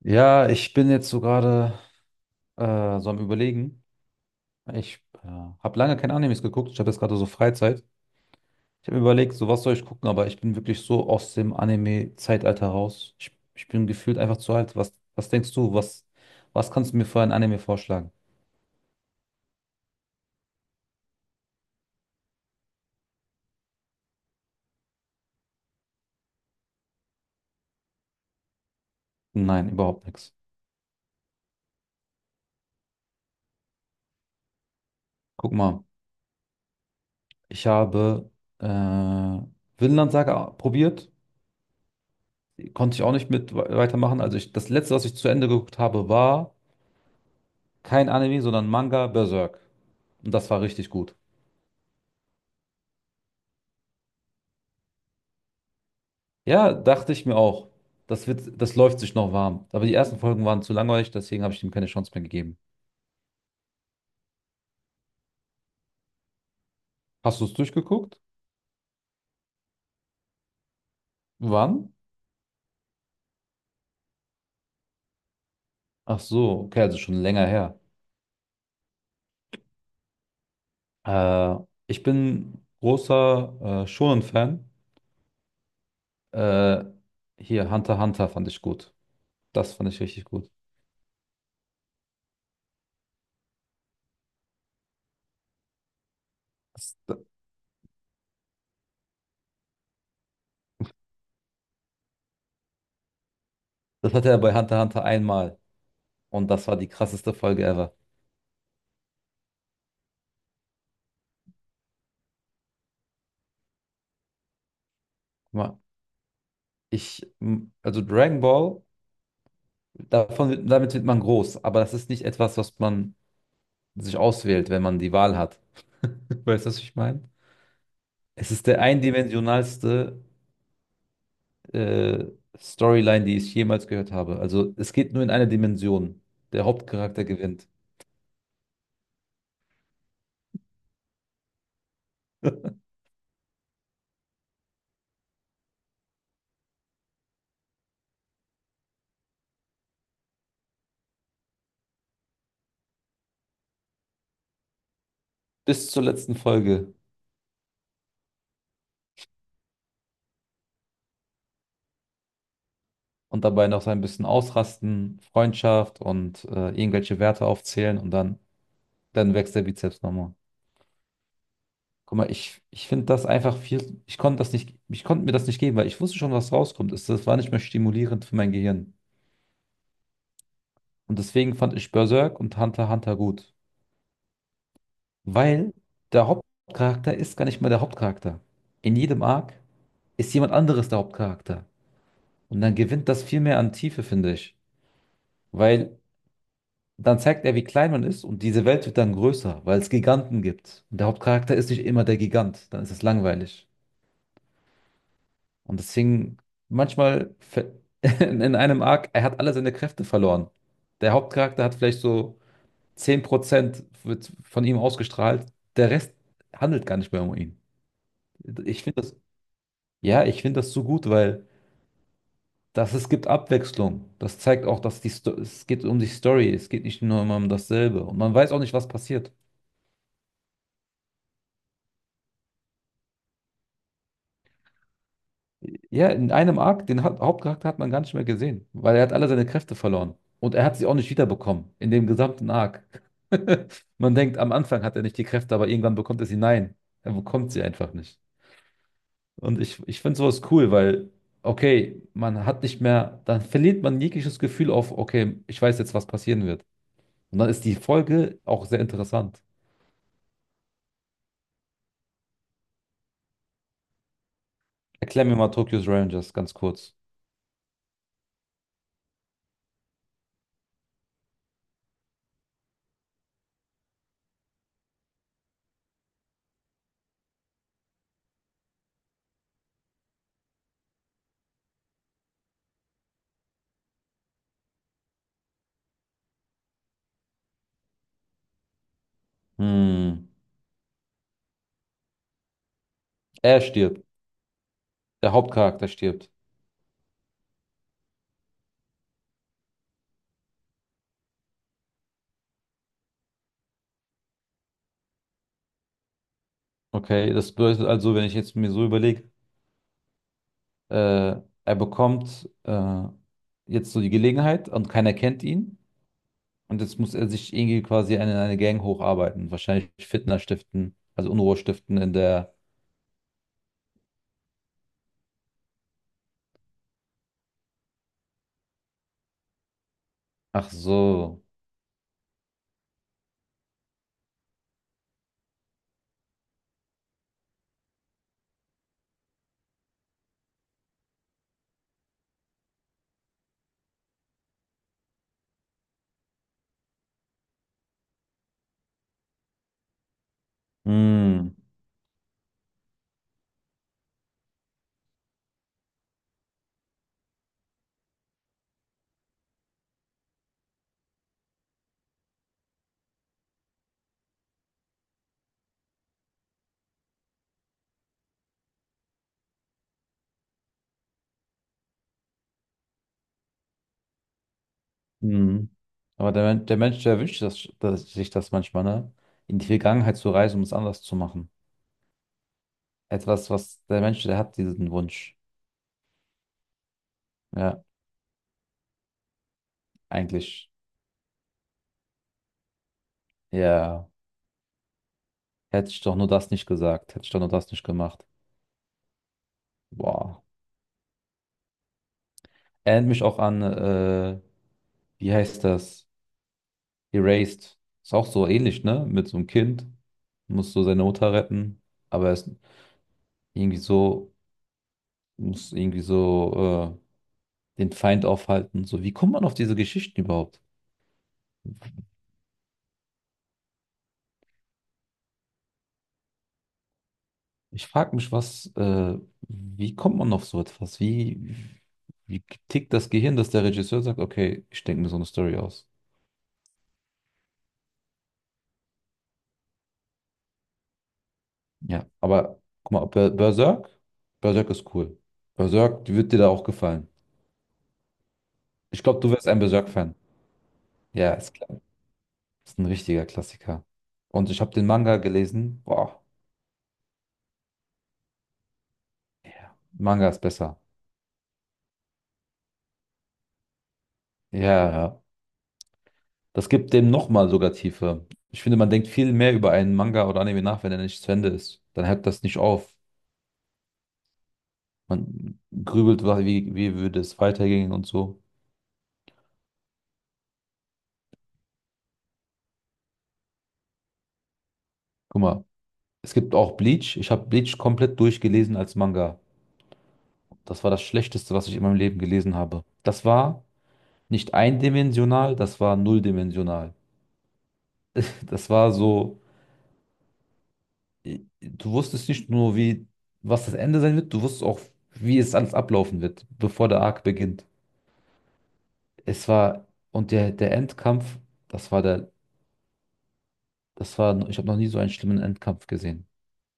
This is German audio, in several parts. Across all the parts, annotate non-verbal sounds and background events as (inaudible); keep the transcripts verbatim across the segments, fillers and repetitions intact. Ja, ich bin jetzt so gerade äh, so am Überlegen. Ich äh, habe lange keine Animes geguckt. Ich habe jetzt gerade so Freizeit. Ich habe mir überlegt, so was soll ich gucken, aber ich bin wirklich so aus dem Anime-Zeitalter raus. Ich, ich bin gefühlt einfach zu alt. Was, was denkst du? Was, was kannst du mir für ein Anime vorschlagen? Nein, überhaupt nichts. Guck mal, ich habe äh, Vinland Saga probiert. Konnte ich auch nicht mit we- weitermachen. Also ich, das letzte, was ich zu Ende geguckt habe, war kein Anime, sondern Manga Berserk. Und das war richtig gut. Ja, dachte ich mir auch. Das wird, das läuft sich noch warm. Aber die ersten Folgen waren zu langweilig, deswegen habe ich ihm keine Chance mehr gegeben. Hast du es durchgeguckt? Wann? Ach so, okay, also schon länger her. Äh, Ich bin großer äh, Shonen-Fan. Äh, Hier, Hunter x Hunter fand ich gut. Das fand ich richtig gut. Das, das hatte er bei Hunter x Hunter einmal. Und das war die krasseste Folge ever. Guck mal, ich, m- also Dragon Ball, davon, wird- damit wird man groß, aber das ist nicht etwas, was man sich auswählt, wenn man die Wahl hat. (laughs) Weißt du, was ich meine? Es ist der eindimensionalste äh, Storyline, die ich jemals gehört habe. Also es geht nur in eine Dimension. Der Hauptcharakter gewinnt. Bis zur letzten Folge. Und dabei noch so ein bisschen ausrasten, Freundschaft und äh, irgendwelche Werte aufzählen und dann, dann wächst der Bizeps nochmal. Guck mal, ich, ich finde das einfach viel. Ich konnte das nicht, ich konnte mir das nicht geben, weil ich wusste schon, was rauskommt. Es, das war nicht mehr stimulierend für mein Gehirn. Und deswegen fand ich Berserk und Hunter x Hunter gut. Weil der Hauptcharakter ist gar nicht mehr der Hauptcharakter. In jedem Arc ist jemand anderes der Hauptcharakter. Und dann gewinnt das viel mehr an Tiefe, finde ich. Weil dann zeigt er, wie klein man ist und diese Welt wird dann größer, weil es Giganten gibt. Und der Hauptcharakter ist nicht immer der Gigant, dann ist es langweilig. Und deswegen manchmal ver- (laughs) in einem Arc, er hat alle seine Kräfte verloren. Der Hauptcharakter hat vielleicht so zehn Prozent wird von ihm ausgestrahlt, der Rest handelt gar nicht mehr um ihn. Ich finde Ja, ich finde das so gut, weil das, es gibt Abwechslung. Das zeigt auch, dass die Sto es geht um die Story. Es geht nicht nur immer um dasselbe. Und man weiß auch nicht, was passiert. Ja, in einem Arc, den Ha- Hauptcharakter hat man gar nicht mehr gesehen, weil er hat alle seine Kräfte verloren. Und er hat sie auch nicht wiederbekommen, in dem gesamten Arc. (laughs) Man denkt, am Anfang hat er nicht die Kräfte, aber irgendwann bekommt er sie. Nein, er bekommt sie einfach nicht. Und ich, ich finde sowas cool, weil, okay, man hat nicht mehr, dann verliert man jegliches Gefühl auf, okay, ich weiß jetzt, was passieren wird. Und dann ist die Folge auch sehr interessant. Erklär mir mal Tokyo's Revengers ganz kurz. Hm. Er stirbt. Der Hauptcharakter stirbt. Okay, das bedeutet also, wenn ich jetzt mir so überlege, äh, er bekommt äh, jetzt so die Gelegenheit und keiner kennt ihn. Und jetzt muss er sich irgendwie quasi in eine eine Gang hocharbeiten. Wahrscheinlich Fitner stiften, also Unruhe stiften in der. Ach so. Hm. Mhm. Aber der, Men- der Mensch, der wünscht das, dass, sich das manchmal, ne? In die Vergangenheit zu reisen, um es anders zu machen. Etwas, was der Mensch, der hat diesen Wunsch. Ja, eigentlich. Ja, hätte ich doch nur das nicht gesagt. Hätte ich doch nur das nicht gemacht. Boah. Erinnert mich auch an, äh, wie heißt das? Erased. Ist auch so ähnlich, ne? Mit so einem Kind. Muss so seine Mutter retten. Aber er ist irgendwie so, muss irgendwie so, äh, den Feind aufhalten. So, wie kommt man auf diese Geschichten überhaupt? Ich frage mich, was, äh, wie kommt man auf so etwas? Wie, wie tickt das Gehirn, dass der Regisseur sagt, okay, ich denke mir so eine Story aus. Ja, aber guck mal, Ber- Berserk, Berserk ist cool. Berserk wird dir da auch gefallen. Ich glaube, du wärst ein Berserk-Fan. Ja, ist klar. Ist ein richtiger Klassiker. Und ich habe den Manga gelesen. Boah, Manga ist besser. Ja, ja. Das gibt dem nochmal sogar Tiefe. Ich finde, man denkt viel mehr über einen Manga oder Anime nach, wenn er nicht zu Ende ist. Dann hört das nicht auf. Man grübelt, wa- wie, wie würde es weitergehen und so. Guck mal, es gibt auch Bleach. Ich habe Bleach komplett durchgelesen als Manga. Das war das Schlechteste, was ich in meinem Leben gelesen habe. Das war nicht eindimensional, das war nulldimensional. Das war so, äh, du wusstest nicht nur, wie, was das Ende sein wird, du wusstest auch, wie es alles ablaufen wird, bevor der Arc beginnt. Es war, und der, der Endkampf, das war der, das war, ich habe noch nie so einen schlimmen Endkampf gesehen.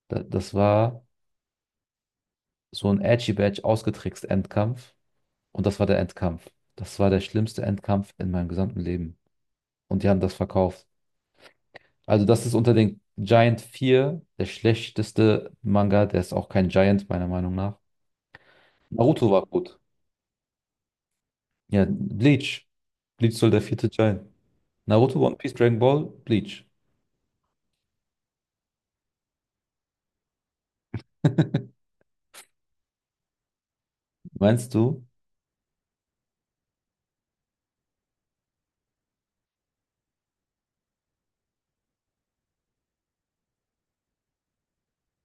Da- Das war so ein Edgy Badge ausgetrickst Endkampf. Und das war der Endkampf. Das war der schlimmste Endkampf in meinem gesamten Leben. Und die haben das verkauft. Also, das ist unter den Giant vier der schlechteste Manga. Der ist auch kein Giant, meiner Meinung nach. Naruto war gut. Ja, Bleach. Bleach soll der vierte Giant. Naruto, One Piece, Dragon Ball, Bleach. (laughs) Meinst du?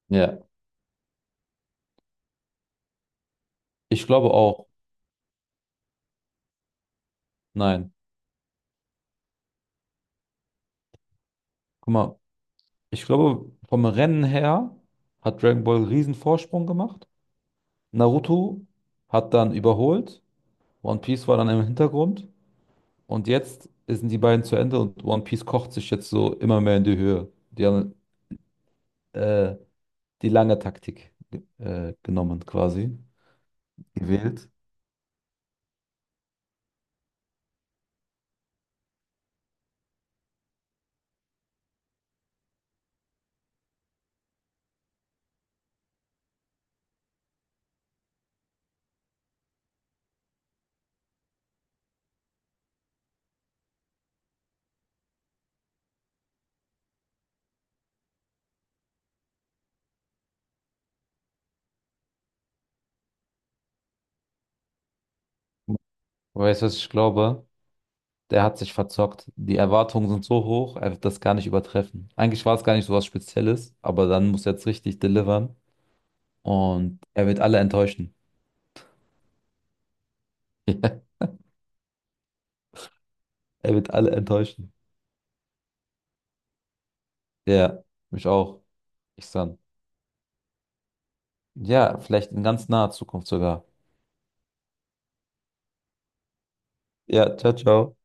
Ja, ich glaube auch. Nein. Guck mal, ich glaube, vom Rennen her hat Dragon Ball einen riesen Vorsprung gemacht. Naruto hat dann überholt, One Piece war dann im Hintergrund und jetzt sind die beiden zu Ende und One Piece kocht sich jetzt so immer mehr in die Höhe. Die haben äh, die lange Taktik äh, genommen quasi, gewählt. Weißt du, was ich glaube? Der hat sich verzockt. Die Erwartungen sind so hoch, er wird das gar nicht übertreffen. Eigentlich war es gar nicht so was Spezielles, aber dann muss er jetzt richtig delivern und er wird alle enttäuschen. (laughs) Ja, er wird alle enttäuschen. Ja, mich auch. Ich sag. Ja, vielleicht in ganz naher Zukunft sogar. Ja, ciao, ciao.